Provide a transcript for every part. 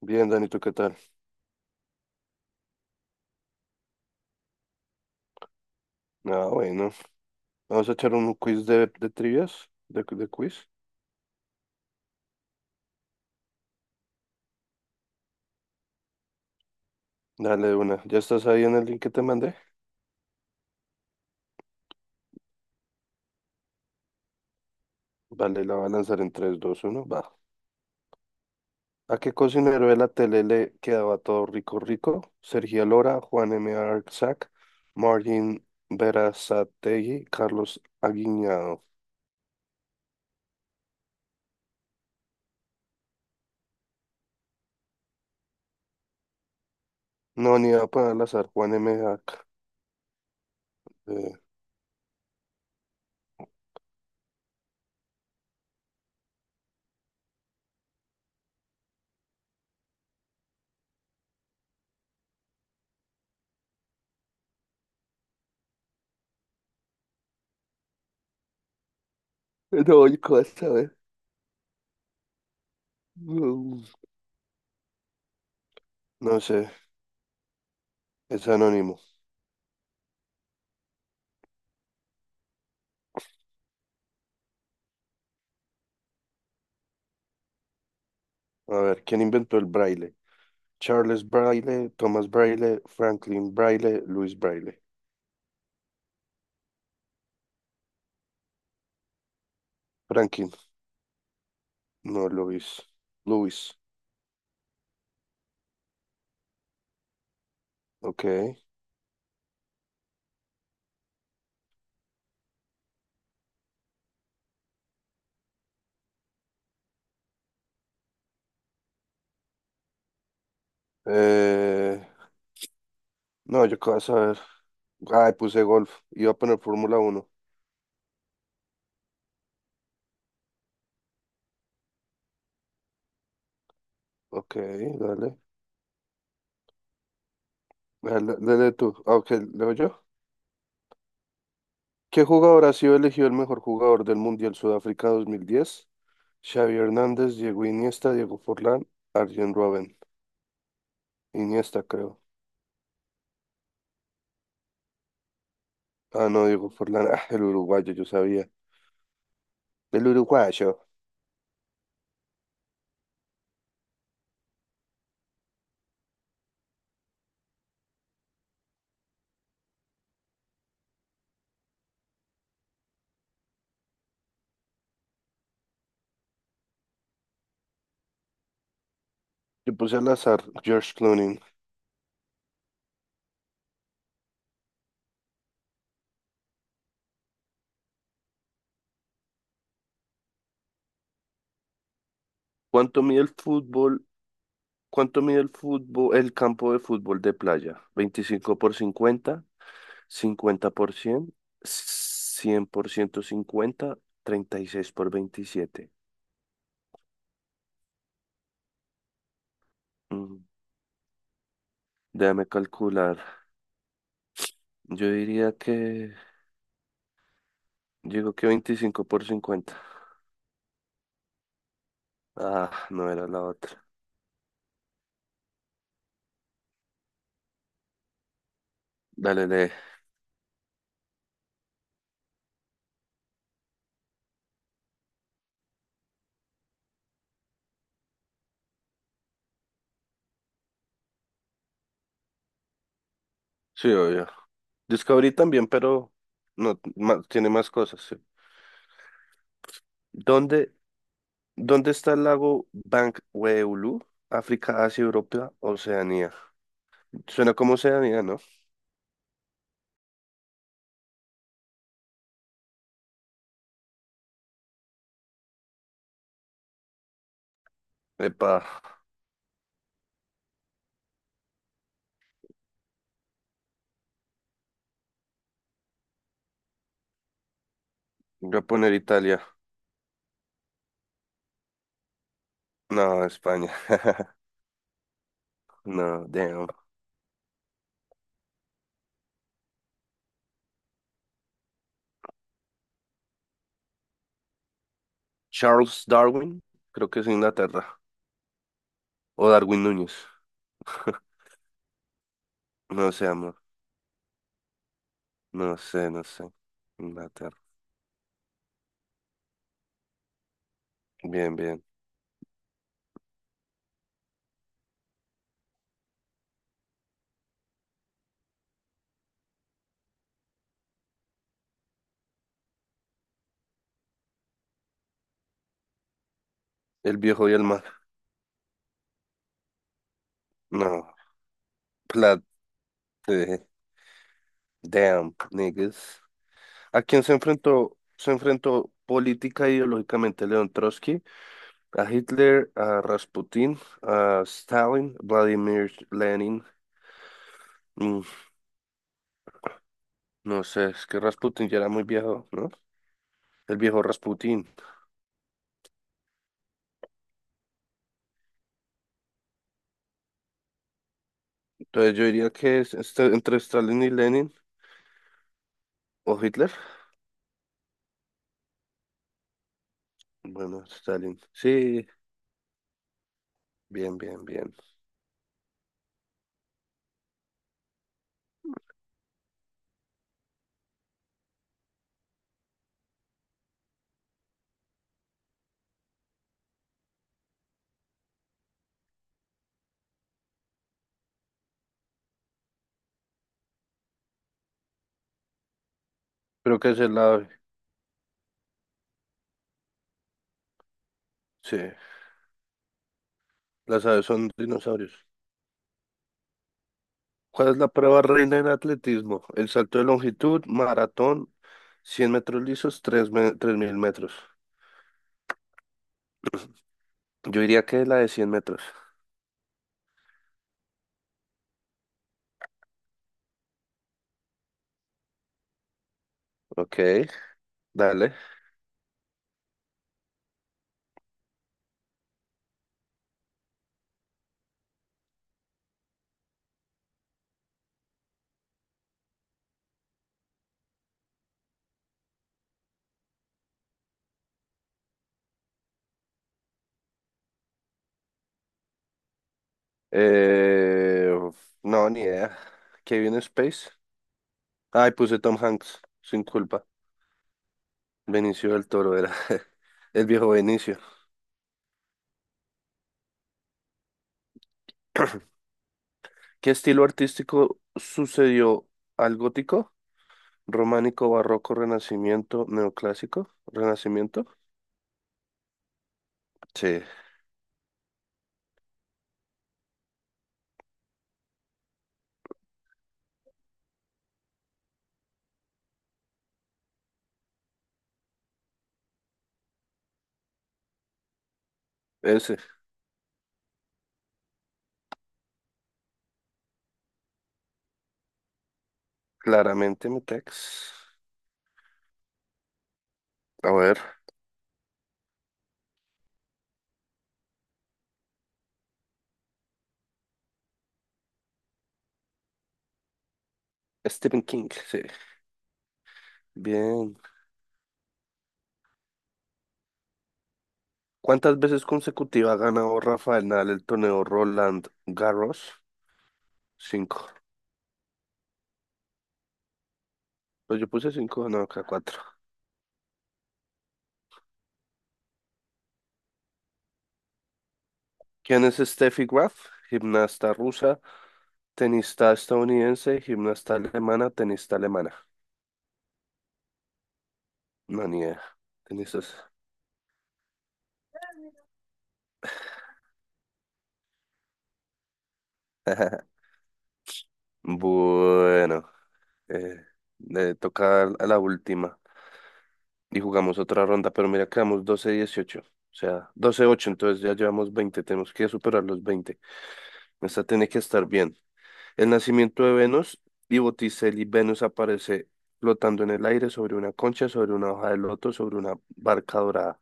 Bien, Dani, ¿tú ¿qué tal? Ah, bueno. Vamos a echar un quiz de trivias, de quiz. Dale de una. ¿Ya estás ahí en el link que te mandé? Vale, la voy a lanzar en tres, dos, uno, va. ¿A qué cocinero de la tele le quedaba todo rico, rico? Sergio Lora, Juan M. Arzak, Martín Berazategui, Carlos Aguiñado. No, ni a para al azar, Juan M. Arzak. Eh, no, yo qué vas a ver. No, no sé, es anónimo. A ver, ¿quién inventó el braille? Charles Braille, Thomas Braille, Franklin Braille, Luis Braille. Franklin, no Luis. Luis, ok. Eh, no, yo qué vas a ver. Ay, puse golf. Iba a poner Fórmula Uno. Ok, dale. Dale, dale tú. Ah, ok, leo yo. ¿Qué jugador ha sido elegido el mejor jugador del Mundial Sudáfrica 2010? Xavi Hernández, Diego Iniesta, Diego Forlán, Arjen Robben. Iniesta, creo. Ah, no, Diego Forlán. Ah, el uruguayo, yo sabía. El uruguayo. Yo puse al azar George Clooney. ¿Cuánto mide el fútbol? ¿Cuánto mide el fútbol, el campo de fútbol de playa? 25 por 50, 50 por 100, 100 por ciento cincuenta, treinta y seis por 27. Mm, Déjame calcular. Yo diría que, digo que 25 por 50. Ah, no era la otra. Dale, lee. Sí, obvio. Discovery también, pero no, tiene más cosas. Sí. ¿Dónde ¿Dónde está el lago Bankweulu? África, Asia, Europa, Oceanía. Suena como Oceanía, ¿no? Epa, voy a poner Italia. No, España. No, damn. Charles Darwin, creo que es Inglaterra. O Darwin Núñez. No sé, amor. No sé, no sé. Inglaterra. Bien, bien. El viejo y el mar. No. Plat. Eh, Damn, niggas. ¿A quién se enfrentó? Se enfrentó política e ideológicamente León Trotsky: a Hitler, a Rasputin, a Stalin, Vladimir Lenin. Mm, no sé, es que Rasputin ya era muy viejo, ¿no? El viejo Rasputin. Entonces yo diría que es entre Stalin y Lenin o Hitler. Bueno, Stalin. Sí, bien, bien, bien. Creo que es el lado. Sí, las aves son dinosaurios. ¿Cuál es la prueba reina del atletismo? El salto de longitud, maratón, 100 metros lisos, 3000 metros. Yo diría que la de 100 metros. Ok, dale. Eh, no, ni idea. Kevin Space. Ay, puse Tom Hanks, sin culpa. Benicio del Toro era el viejo Benicio. ¿Qué estilo artístico sucedió al gótico? Románico, barroco, renacimiento, neoclásico, renacimiento. Sí. Ese, claramente mi Tex. A ver, Stephen King, sí. Bien. ¿Cuántas veces consecutivas ha ganado Rafael Nadal el torneo Roland Garros? Cinco. Pues yo puse cinco, no, acá cuatro. ¿Quién es Steffi Graf? Gimnasta rusa, tenista estadounidense, gimnasta alemana, tenista alemana. No, ni idea. Tenistas. Bueno, eh, le toca a la última. Y jugamos otra ronda, pero mira, quedamos 12-18, o sea, 12-8. Entonces ya llevamos 20, tenemos que superar los 20. Esta tiene que estar bien. El nacimiento de Venus y Botticelli, Venus aparece flotando en el aire sobre una concha, sobre una hoja de loto, sobre una barca dorada,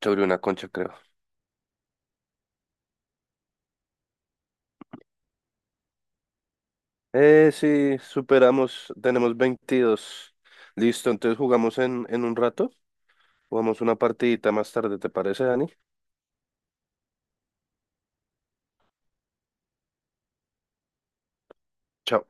sobre una concha, creo. Sí, superamos, tenemos 22. Listo, entonces jugamos en un rato, jugamos una partidita más tarde, ¿te parece, Dani? Chao.